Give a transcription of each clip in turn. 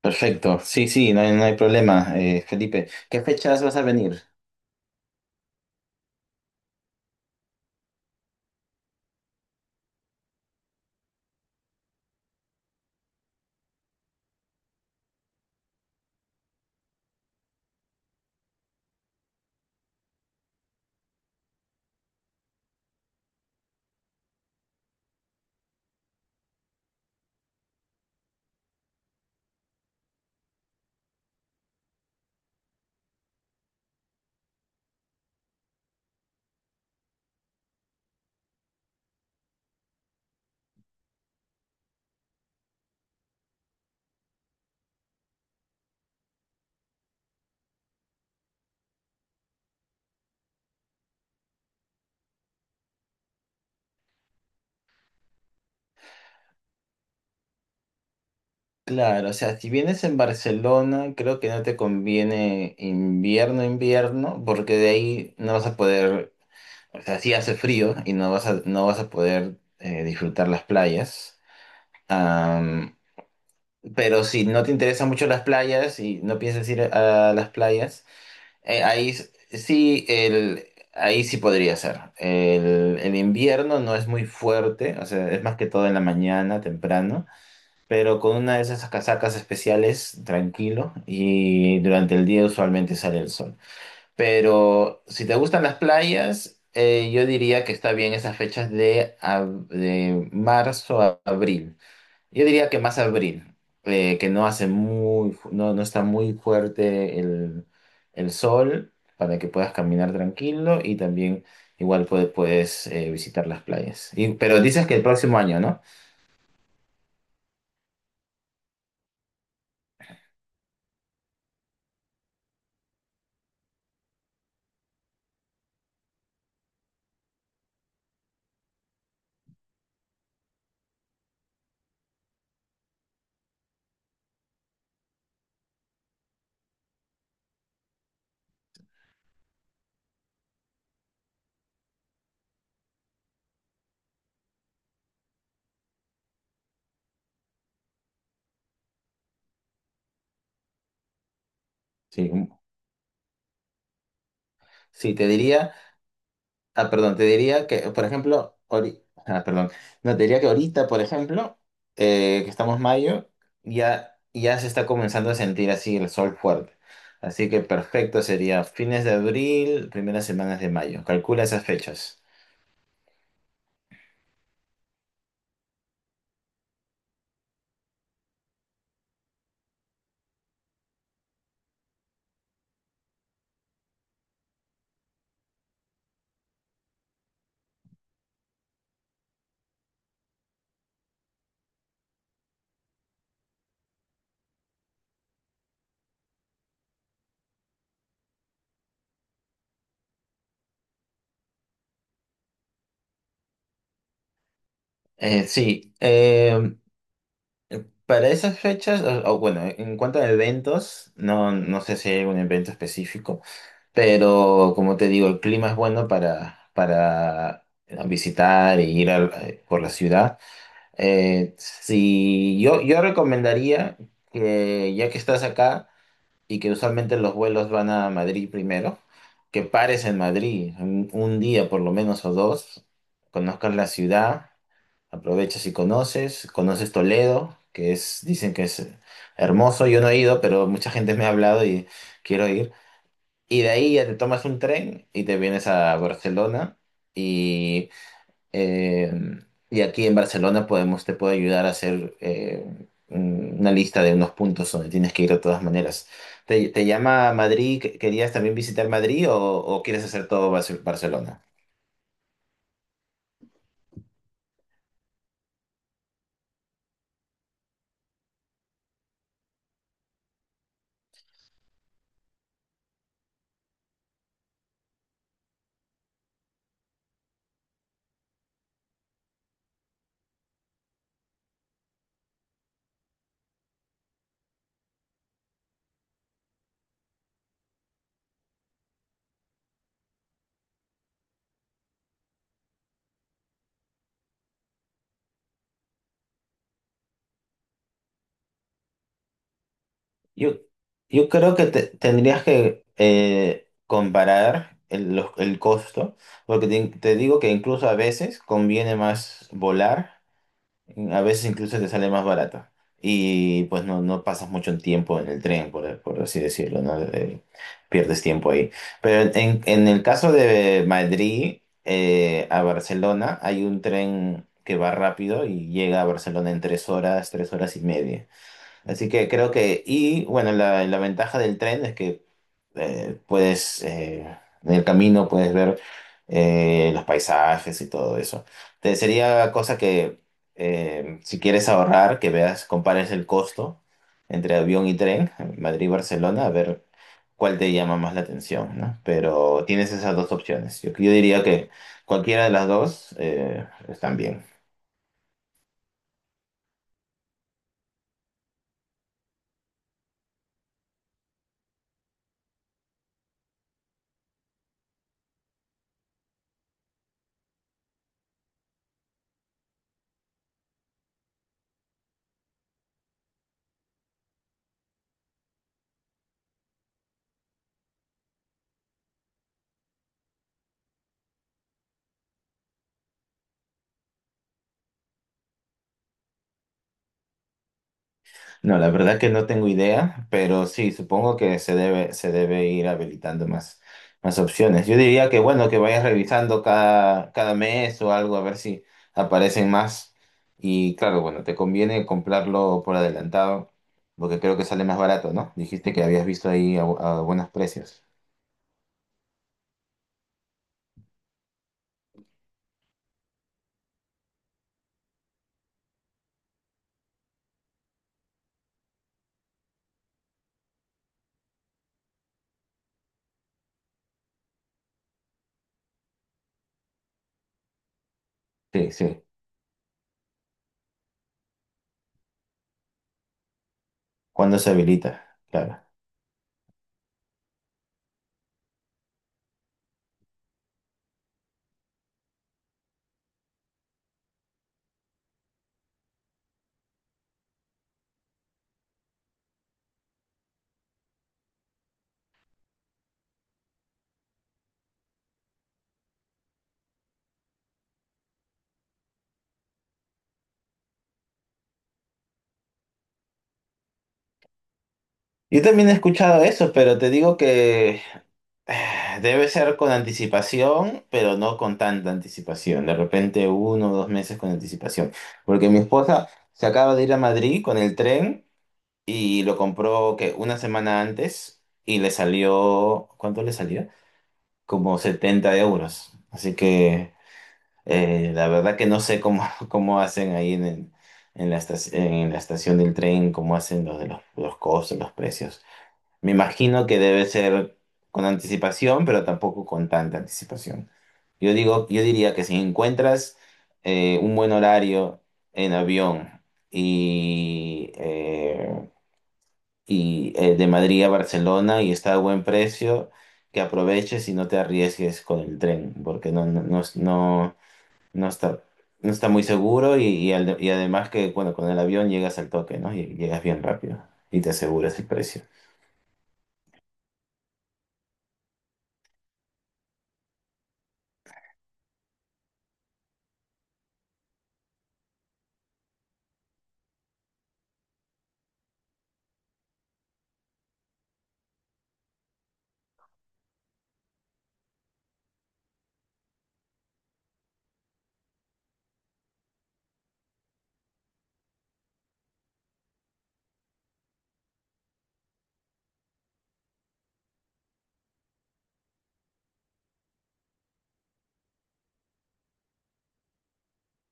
Perfecto, sí, sí, no hay problema, Felipe. ¿Qué fechas vas a venir? Claro, o sea, si vienes en Barcelona, creo que no te conviene invierno, invierno, porque de ahí no vas a poder, o sea, sí hace frío y no vas a poder disfrutar las playas. Am, pero si no te interesan mucho las playas y no piensas ir a las playas, Ahí sí, ahí sí podría ser. El invierno no es muy fuerte, o sea, es más que todo en la mañana, temprano, pero con una de esas casacas especiales, tranquilo, y durante el día usualmente sale el sol. Pero si te gustan las playas, yo diría que está bien esas fechas de, de marzo a abril. Yo diría que más abril, que no hace muy, no está muy fuerte el sol para que puedas caminar tranquilo y también igual puedes visitar las playas. Pero dices que el próximo año, ¿no? Sí, mm, sí, te diría. Ah, perdón, te diría que, por ejemplo, ah, perdón, no, te diría que ahorita, por ejemplo, que estamos mayo, ya se está comenzando a sentir así el sol fuerte. Así que perfecto sería fines de abril, primeras semanas de mayo. Calcula esas fechas. Sí, para esas fechas, o bueno, en cuanto a eventos, no sé si hay algún evento específico, pero como te digo, el clima es bueno para visitar e ir por la ciudad. Si yo recomendaría que ya que estás acá y que usualmente los vuelos van a Madrid primero, que pares en Madrid un día por lo menos o dos, conozcas la ciudad, aprovechas y conoces Toledo, que es, dicen que es hermoso, yo no he ido, pero mucha gente me ha hablado y quiero ir. Y de ahí ya te tomas un tren y te vienes a Barcelona. Y eh, y aquí en Barcelona podemos, te puedo ayudar a hacer una lista de unos puntos donde tienes que ir de todas maneras. ¿Te llama Madrid? ¿Querías también visitar Madrid o quieres hacer todo Barcelona? Yo, yo creo que tendrías que comparar el costo, porque te digo que incluso a veces conviene más volar. A veces incluso te sale más barato. Y pues no pasas mucho tiempo en el tren, por así decirlo, ¿no? Pierdes tiempo ahí. Pero en el caso de Madrid a Barcelona, hay un tren que va rápido y llega a Barcelona en 3 horas, 3 horas y media. Así que creo que, y bueno, la ventaja del tren es que eh, puedes, eh, en el camino puedes ver los paisajes y todo eso. Te sería cosa que si quieres ahorrar, que veas, compares el costo entre avión y tren, Madrid-Barcelona, a ver cuál te llama más la atención, ¿no? Pero tienes esas dos opciones. Yo diría que cualquiera de las dos están bien. No, la verdad que no tengo idea, pero sí, supongo que se debe ir habilitando más opciones. Yo diría que bueno, que vayas revisando cada mes o algo a ver si aparecen más. Y claro, bueno, te conviene comprarlo por adelantado, porque creo que sale más barato, ¿no? Dijiste que habías visto ahí a buenos precios. Sí, sí. ¿Cuándo se habilita? Claro. Yo también he escuchado eso, pero te digo que debe ser con anticipación, pero no con tanta anticipación. De repente 1 o 2 meses con anticipación. Porque mi esposa se acaba de ir a Madrid con el tren y lo compró que 1 semana antes y le salió, ¿cuánto le salió? Como 70 euros. Así que la verdad que no sé cómo, cómo hacen ahí en la estación del tren, cómo hacen los de los costos, los precios. Me imagino que debe ser con anticipación, pero tampoco con tanta anticipación. Yo digo, yo diría que si encuentras un buen horario en avión y, eh, y de Madrid a Barcelona y está a buen precio, que aproveches y no te arriesgues con el tren, porque no está, no está muy seguro y además que bueno, con el avión llegas al toque, ¿no? Y llegas bien rápido y te aseguras el precio.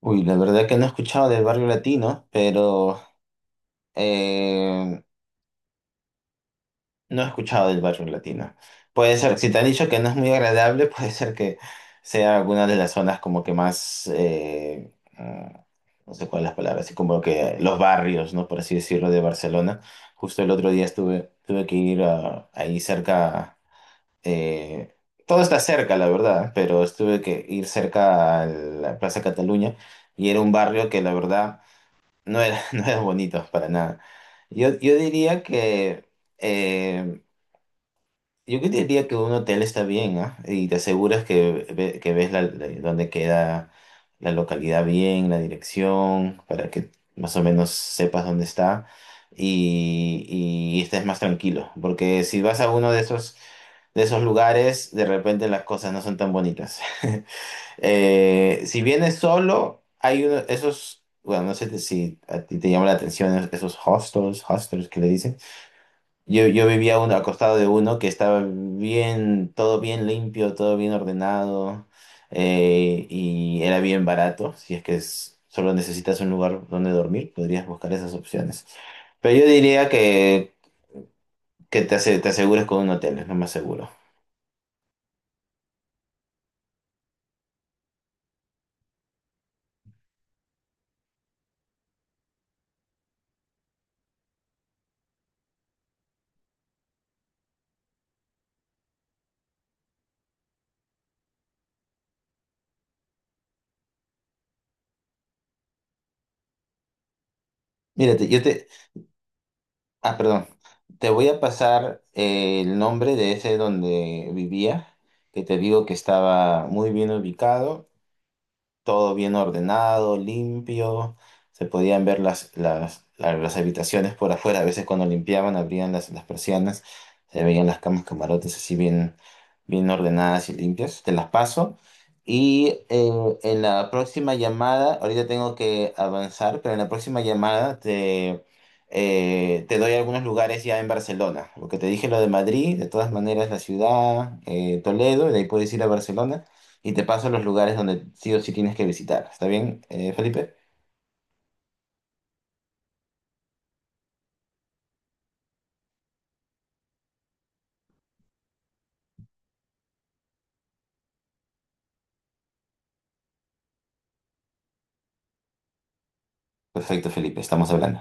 Uy, la verdad que no he escuchado del barrio latino, pero eh, no he escuchado del barrio latino. Puede ser, si te han dicho que no es muy agradable, puede ser que sea alguna de las zonas como que más, no sé cuál es la palabra, así como que los barrios, ¿no? Por así decirlo, de Barcelona. Justo el otro día estuve, tuve que ir ahí cerca, eh, todo está cerca, la verdad, pero tuve que ir cerca a la Plaza Cataluña y era un barrio que la verdad no era, no eran bonitos para nada. Yo diría que eh, yo que diría que un hotel está bien, ¿ah? Y te aseguras que, que ves dónde queda la localidad bien, la dirección, para que más o menos sepas dónde está y, y estés más tranquilo. Porque si vas a uno de esos lugares, de repente las cosas no son tan bonitas. Si vienes solo, hay uno, esos, bueno, no sé si a ti te llama la atención esos hostels, hostels que le dicen. Yo vivía uno, acostado de uno que estaba bien, todo bien limpio, todo bien ordenado, y era bien barato. Si es que solo necesitas un lugar donde dormir, podrías buscar esas opciones. Pero yo diría que, te, te asegures con un hotel, es lo más seguro. Mírate, yo te. Ah, perdón. Te voy a pasar el nombre de ese donde vivía, que te digo que estaba muy bien ubicado, todo bien ordenado, limpio. Se podían ver las las habitaciones por afuera. A veces cuando limpiaban, abrían las persianas, se veían las camas, camarotes así bien, bien ordenadas y limpias. Te las paso. Y en la próxima llamada, ahorita tengo que avanzar, pero en la próxima llamada te doy algunos lugares ya en Barcelona. Lo que te dije, lo de Madrid, de todas maneras la ciudad, Toledo, y de ahí puedes ir a Barcelona y te paso los lugares donde sí o sí tienes que visitar. ¿Está bien, Felipe? Perfecto, Felipe, estamos hablando.